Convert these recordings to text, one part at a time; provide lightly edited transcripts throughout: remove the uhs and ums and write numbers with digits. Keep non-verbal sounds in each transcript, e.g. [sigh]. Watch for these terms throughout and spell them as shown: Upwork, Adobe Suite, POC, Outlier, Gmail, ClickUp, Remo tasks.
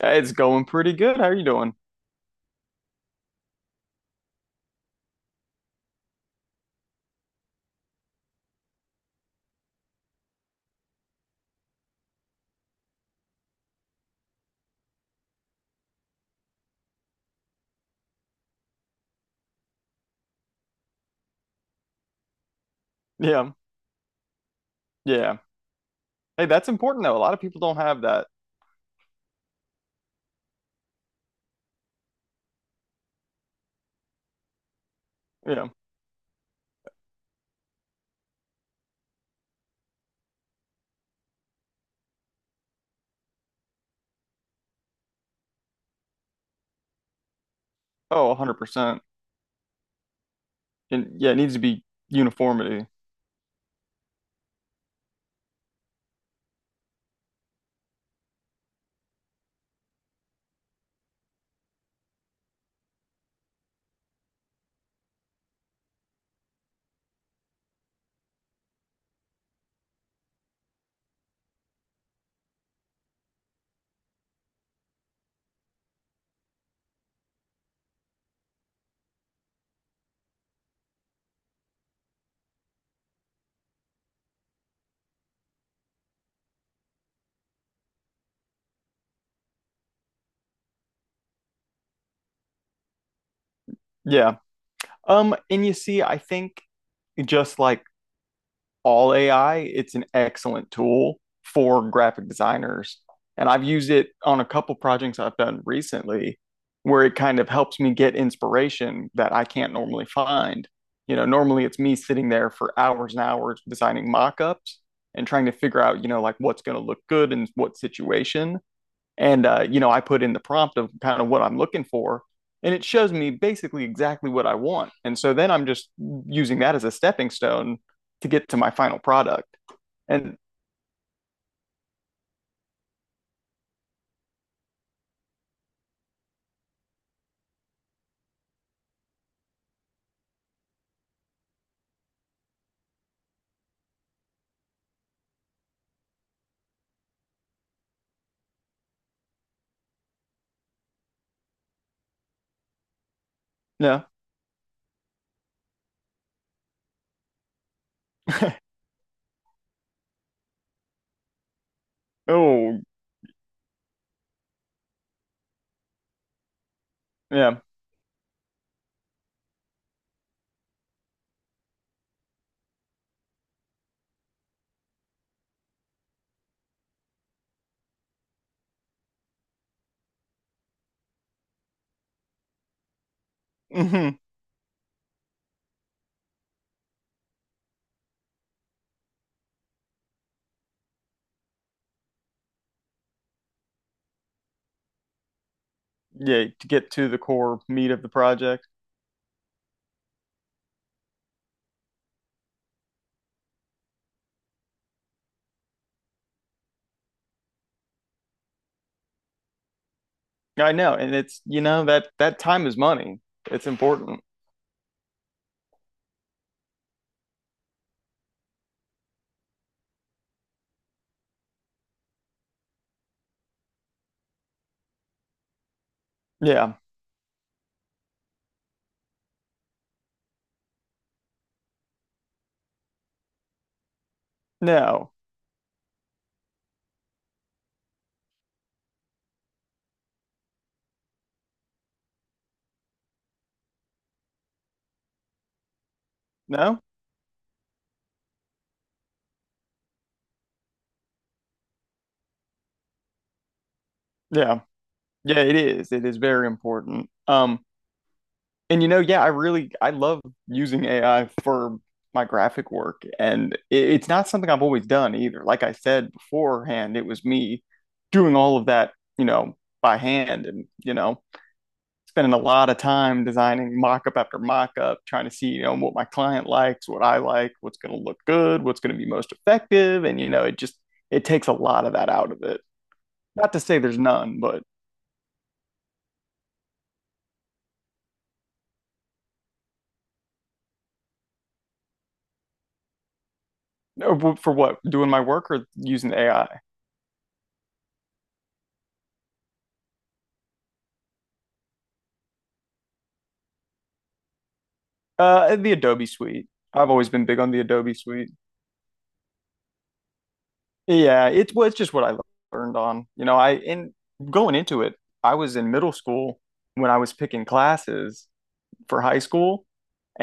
It's going pretty good. How are you doing? Yeah. Yeah. Hey, that's important though. A lot of people don't have that. Yeah. Oh, 100%. And yeah, it needs to be uniformity. Yeah. And you see, I think just like all AI, it's an excellent tool for graphic designers. And I've used it on a couple projects I've done recently where it kind of helps me get inspiration that I can't normally find. You know, normally it's me sitting there for hours and hours designing mock-ups and trying to figure out, you know, like what's going to look good in what situation. And you know, I put in the prompt of kind of what I'm looking for, and it shows me basically exactly what I want. And so then I'm just using that as a stepping stone to get to my final product. And no, oh yeah, hmm yeah, to get to the core meat of the project. I know, and it's that that time is money. It's important. Yeah, no, no, yeah, yeah. It is. It is very important. And you know, yeah, I really I love using AI for my graphic work, and it's not something I've always done either. Like I said beforehand, it was me doing all of that, you know, by hand, and you know, spending a lot of time designing mock-up after mock-up, trying to see, you know, what my client likes, what I like, what's going to look good, what's going to be most effective, and you know, it just it takes a lot of that out of it. Not to say there's none, but for what, doing my work or using AI? The Adobe Suite. I've always been big on the Adobe Suite. Yeah, it was just what I learned on. You know, I in going into it, I was in middle school when I was picking classes for high school,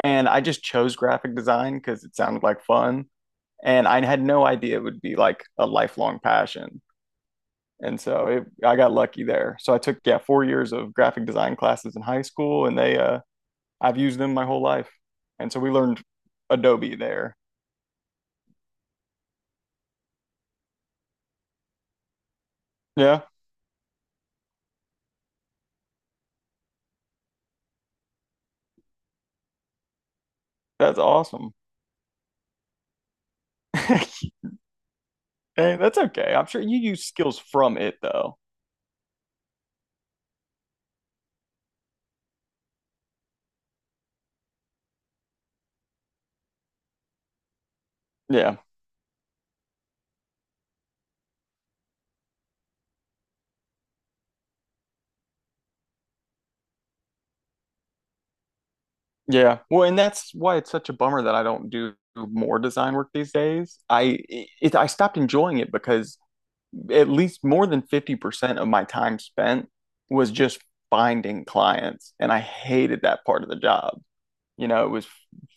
and I just chose graphic design because it sounded like fun, and I had no idea it would be like a lifelong passion. And so I got lucky there. So I took yeah 4 years of graphic design classes in high school, and they I've used them my whole life, and so we learned Adobe there. Yeah, that's awesome. [laughs] Hey, that's okay. I'm sure you use skills from it though. Yeah. Yeah. Well, and that's why it's such a bummer that I don't do more design work these days. I stopped enjoying it because at least more than 50% of my time spent was just finding clients and I hated that part of the job. You know, it was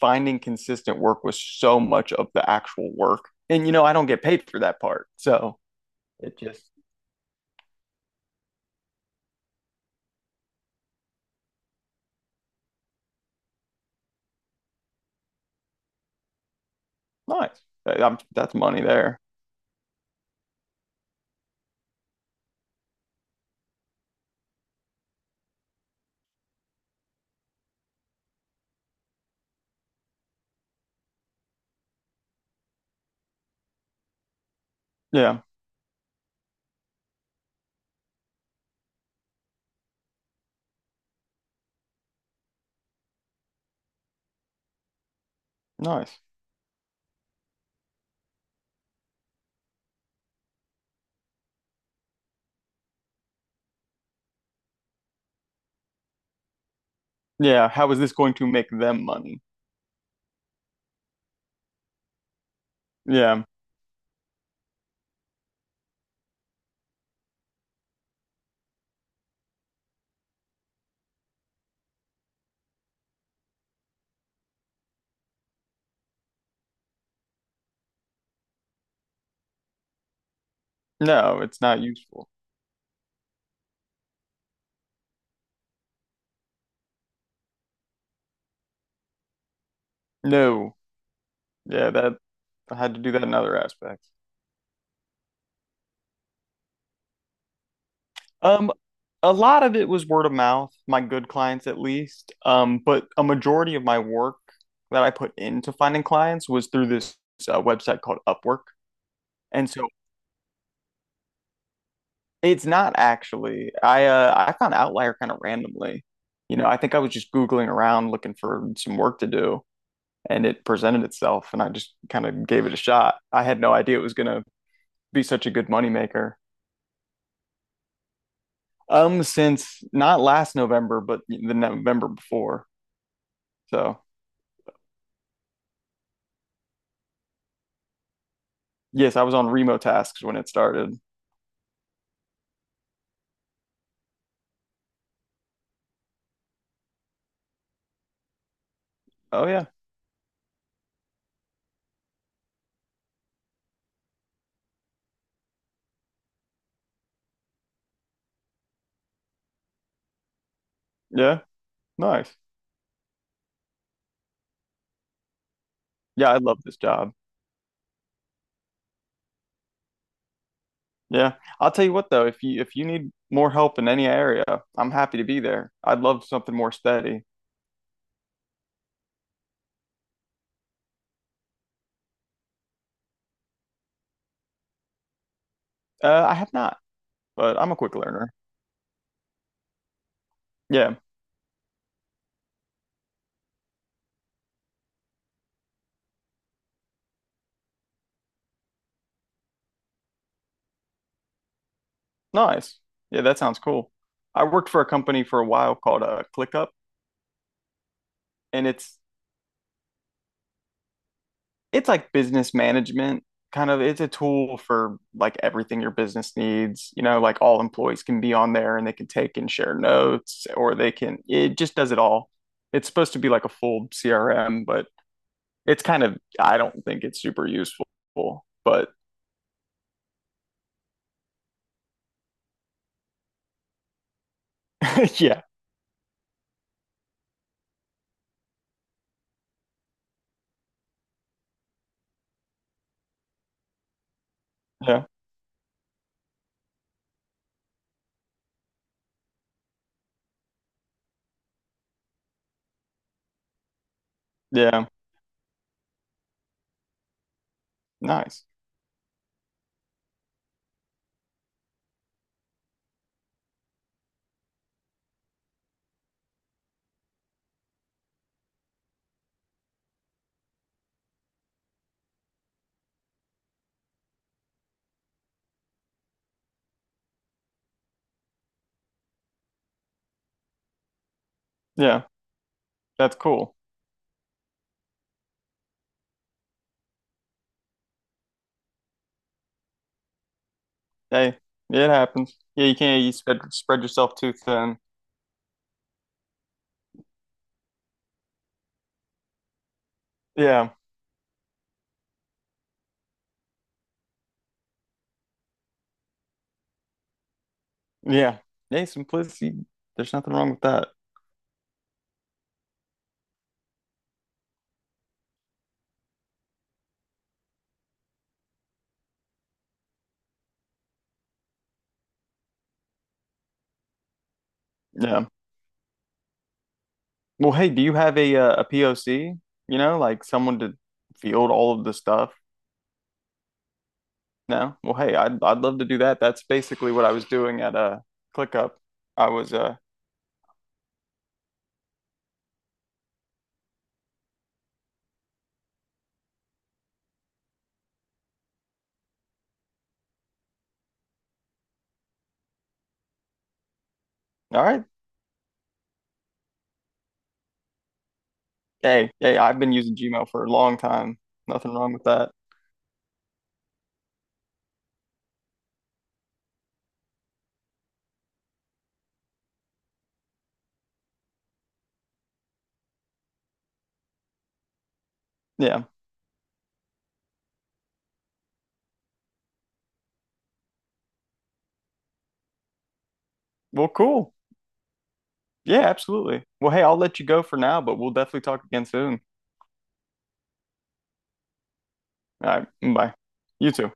finding consistent work was so much of the actual work. And you know, I don't get paid for that part. So, it just nice. That's money there. Yeah. Nice. Yeah, how is this going to make them money? Yeah, no, it's not useful. No, yeah, that I had to do that in other aspects. Um, a lot of it was word of mouth, my good clients at least. But a majority of my work that I put into finding clients was through this website called Upwork. And so it's not actually, I found Outlier kind of randomly. You know, I think I was just Googling around looking for some work to do, and it presented itself and I just kind of gave it a shot. I had no idea it was going to be such a good moneymaker. Since not last November, but the November before. So yes, I was on Remo tasks when it started. Oh yeah. Yeah. Nice. Yeah. I love this job. Yeah. I'll tell you what though, if you need more help in any area, I'm happy to be there. I'd love something more steady. I have not, but I'm a quick learner. Yeah. Nice. Yeah. That sounds cool. I worked for a company for a while called ClickUp, and it's like business management kind of. It's a tool for like everything your business needs, you know, like all employees can be on there and they can take and share notes, or they can, it just does it all. It's supposed to be like a full CRM, but it's kind of, I don't think it's super useful. But [laughs] yeah, yeah, yeah, nice, yeah, that's cool. Hey, it happens. Yeah, you can't, you spread yourself too thin. Yeah, yeah, hey simplicity, there's nothing wrong with that. Yeah. Well, hey, do you have a POC? You know, like someone to field all of the stuff? No? Well, hey, I'd love to do that. That's basically what I was doing at ClickUp. I was All right. Hey, I've been using Gmail for a long time. Nothing wrong with that. Yeah. Well, cool. Yeah, absolutely. Well, hey, I'll let you go for now, but we'll definitely talk again soon. All right. Bye. You too.